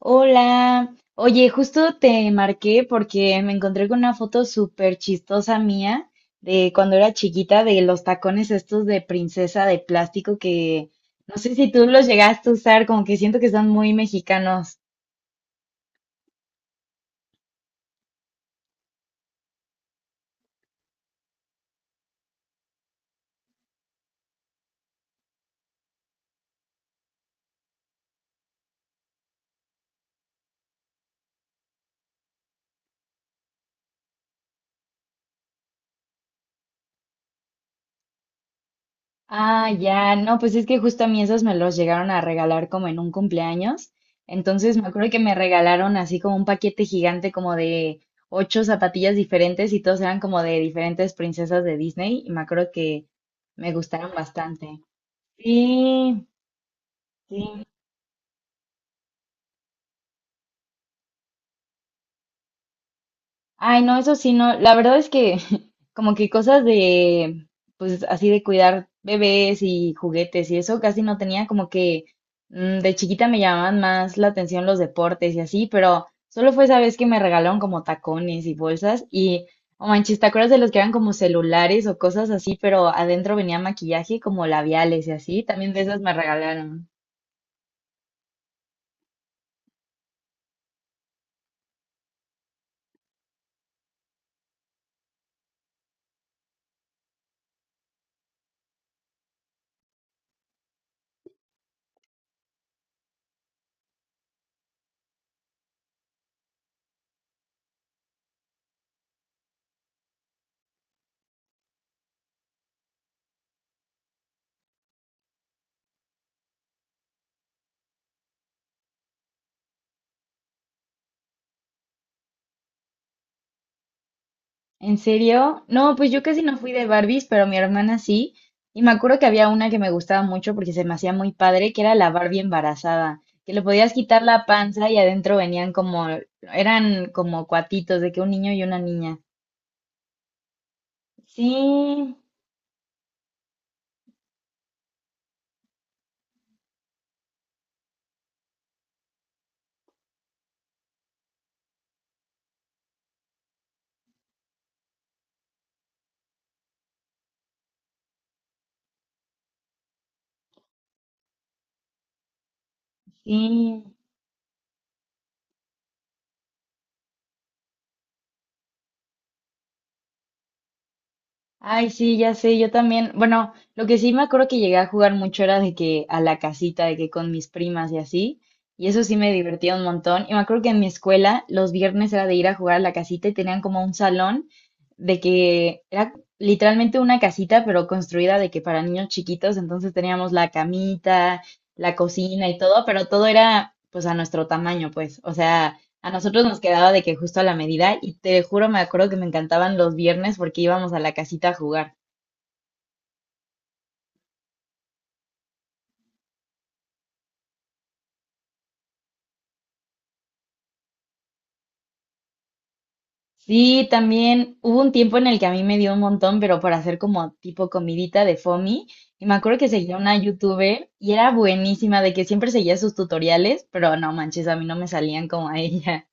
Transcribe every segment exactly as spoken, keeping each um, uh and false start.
Hola, oye, justo te marqué porque me encontré con una foto súper chistosa mía de cuando era chiquita, de los tacones estos de princesa de plástico que no sé si tú los llegaste a usar, como que siento que son muy mexicanos. Ah, ya, no, pues es que justo a mí esos me los llegaron a regalar como en un cumpleaños. Entonces me acuerdo que me regalaron así como un paquete gigante como de ocho zapatillas diferentes y todos eran como de diferentes princesas de Disney y me acuerdo que me gustaron bastante. Sí, sí. Ay, no, eso sí, no. La verdad es que como que cosas de, pues así de cuidar bebés y juguetes y eso casi no tenía, como que mm, de chiquita me llamaban más la atención los deportes y así, pero solo fue esa vez que me regalaron como tacones y bolsas y, oh manches, ¿te acuerdas de los que eran como celulares o cosas así, pero adentro venía maquillaje como labiales y así? También de esas me regalaron. ¿En serio? No, pues yo casi no fui de Barbies, pero mi hermana sí. Y me acuerdo que había una que me gustaba mucho porque se me hacía muy padre, que era la Barbie embarazada, que le podías quitar la panza y adentro venían como, eran como cuatitos de que un niño y una niña. Sí, sí. Ay, sí, ya sé, yo también. Bueno, lo que sí me acuerdo que llegué a jugar mucho era de que a la casita, de que con mis primas y así. Y eso sí me divertía un montón. Y me acuerdo que en mi escuela los viernes era de ir a jugar a la casita y tenían como un salón de que era literalmente una casita, pero construida de que para niños chiquitos. Entonces teníamos la camita, la cocina y todo, pero todo era pues a nuestro tamaño, pues. O sea, a nosotros nos quedaba de que justo a la medida y te juro, me acuerdo que me encantaban los viernes porque íbamos a la casita a jugar. Sí, también hubo un tiempo en el que a mí me dio un montón, pero para hacer como tipo comidita de Fomi. Y me acuerdo que seguía una youtuber y era buenísima de que siempre seguía sus tutoriales, pero no manches, a mí no me salían como a ella.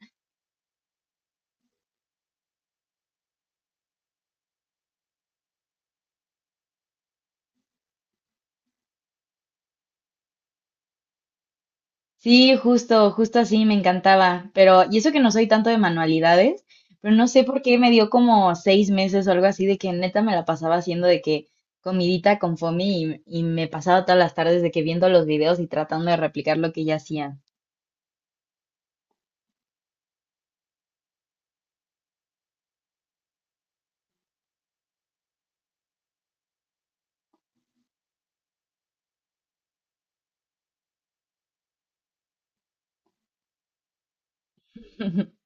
Sí, justo, justo así me encantaba. Pero, y eso que no soy tanto de manualidades, pero no sé por qué me dio como seis meses o algo así de que neta me la pasaba haciendo de que comidita con Fomi y, y me pasaba todas las tardes de que viendo los videos y tratando de replicar lo que ella hacía.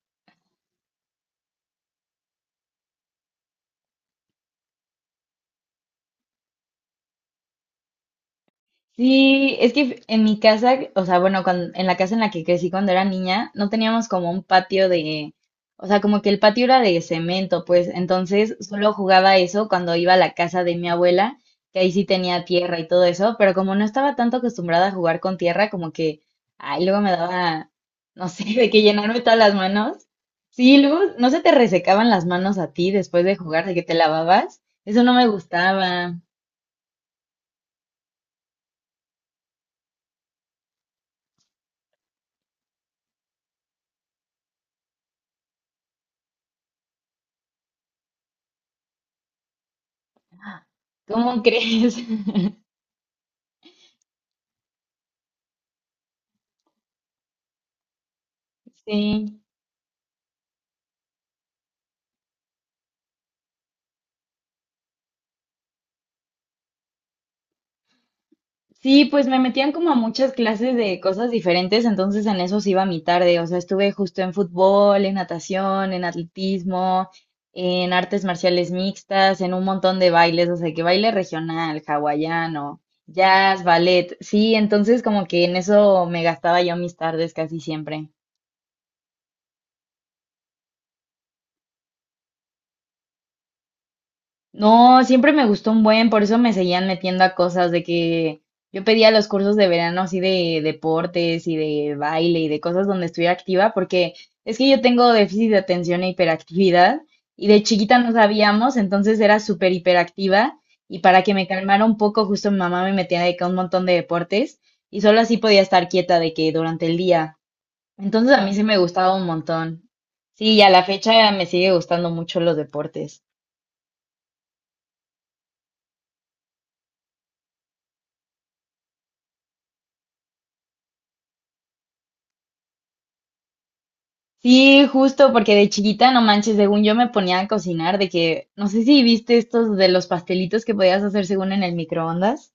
Sí, es que en mi casa, o sea, bueno, cuan- en la casa en la que crecí cuando era niña, no teníamos como un patio de, o sea, como que el patio era de cemento, pues entonces solo jugaba eso cuando iba a la casa de mi abuela, que ahí sí tenía tierra y todo eso, pero como no estaba tanto acostumbrada a jugar con tierra, como que, ay, luego me daba, no sé, de que llenarme todas las manos. Sí, luego, ¿no se te resecaban las manos a ti después de jugar, de que te lavabas? Eso no me gustaba. ¿Cómo crees? Sí, sí, pues me metían como a muchas clases de cosas diferentes, entonces en eso se iba mi tarde, o sea, estuve justo en fútbol, en natación, en atletismo, en artes marciales mixtas, en un montón de bailes, o sea, que baile regional, hawaiano, jazz, ballet, sí, entonces como que en eso me gastaba yo mis tardes casi siempre. No, siempre me gustó un buen, por eso me seguían metiendo a cosas de que yo pedía los cursos de verano así de deportes y de baile y de cosas donde estuviera activa, porque es que yo tengo déficit de atención e hiperactividad y de chiquita no sabíamos, entonces era súper hiperactiva y para que me calmara un poco, justo mi mamá me metía de que a un montón de deportes y solo así podía estar quieta de que durante el día. Entonces a mí sí me gustaba un montón. Sí, y a la fecha me sigue gustando mucho los deportes. Sí, justo, porque de chiquita, no manches, según yo me ponía a cocinar, de que, no sé si viste estos de los pastelitos que podías hacer según en el microondas.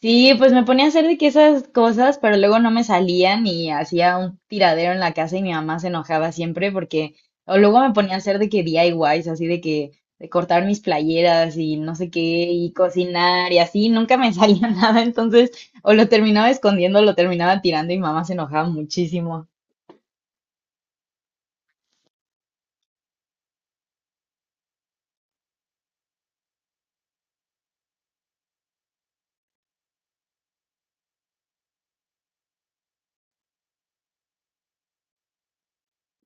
Sí, pues me ponía a hacer de que esas cosas, pero luego no me salían y hacía un tiradero en la casa y mi mamá se enojaba siempre porque, o luego me ponía a hacer de que D I Ys, así de que, de cortar mis playeras y no sé qué, y cocinar y así, nunca me salía nada, entonces, o lo terminaba escondiendo, o lo terminaba tirando y mamá se enojaba muchísimo.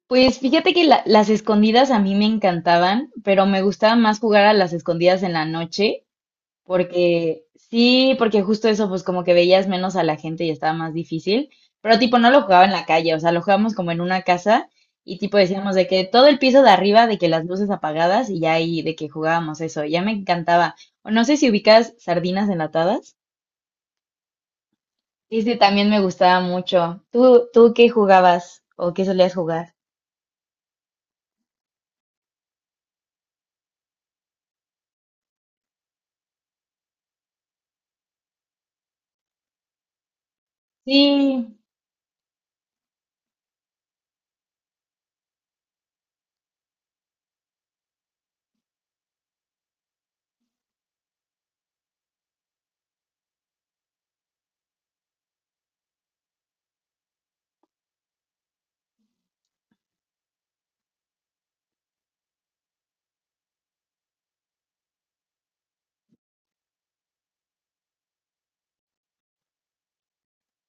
Pues fíjate que la- las escondidas a mí me encantaban, pero me gustaba más jugar a las escondidas en la noche, porque sí, porque justo eso, pues como que veías menos a la gente y estaba más difícil, pero tipo no lo jugaba en la calle, o sea, lo jugábamos como en una casa y tipo decíamos de que todo el piso de arriba, de que las luces apagadas y ya ahí de que jugábamos eso, ya me encantaba. O no sé si ubicas sardinas enlatadas. Sí, sí, también me gustaba mucho. ¿Tú, tú qué jugabas o qué solías jugar? Sí.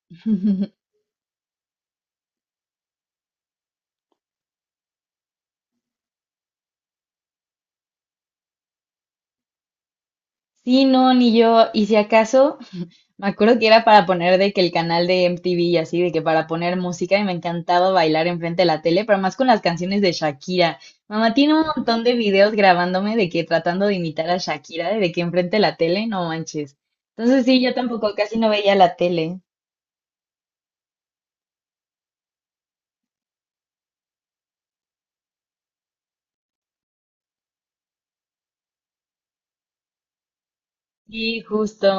Sí, no, ni yo. Y si acaso, me acuerdo que era para poner de que el canal de M T V y así, de que para poner música y me encantaba bailar enfrente de la tele, pero más con las canciones de Shakira. Mamá tiene un montón de videos grabándome de que tratando de imitar a Shakira, de que enfrente de la tele, no manches. Entonces sí, yo tampoco casi no veía la tele. Sí, justo.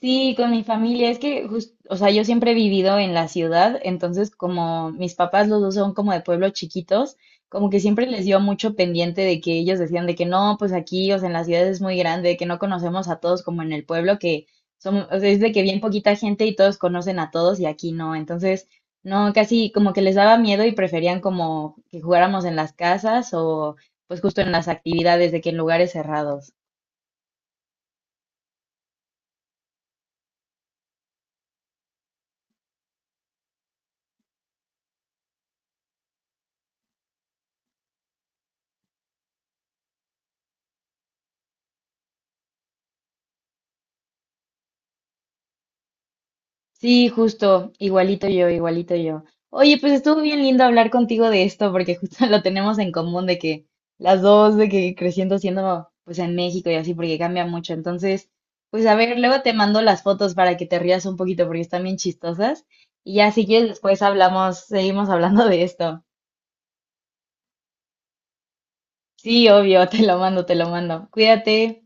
Sí, con mi familia. Es que, jus- o sea, yo siempre he vivido en la ciudad, entonces como mis papás los dos son como de pueblos chiquitos, como que siempre les dio mucho pendiente de que ellos decían de que no, pues aquí, o sea, en la ciudad es muy grande, que no conocemos a todos como en el pueblo, que somos, o sea, es de que bien poquita gente y todos conocen a todos y aquí no. Entonces, no, casi como que les daba miedo y preferían como que jugáramos en las casas o pues justo en las actividades de que en lugares cerrados. Sí, justo, igualito yo, igualito yo. Oye, pues estuvo bien lindo hablar contigo de esto porque justo lo tenemos en común de que las dos, de que creciendo siendo pues en México y así porque cambia mucho. Entonces, pues a ver, luego te mando las fotos para que te rías un poquito porque están bien chistosas. Y ya si quieres después hablamos, seguimos hablando de esto. Sí, obvio, te lo mando, te lo mando. Cuídate.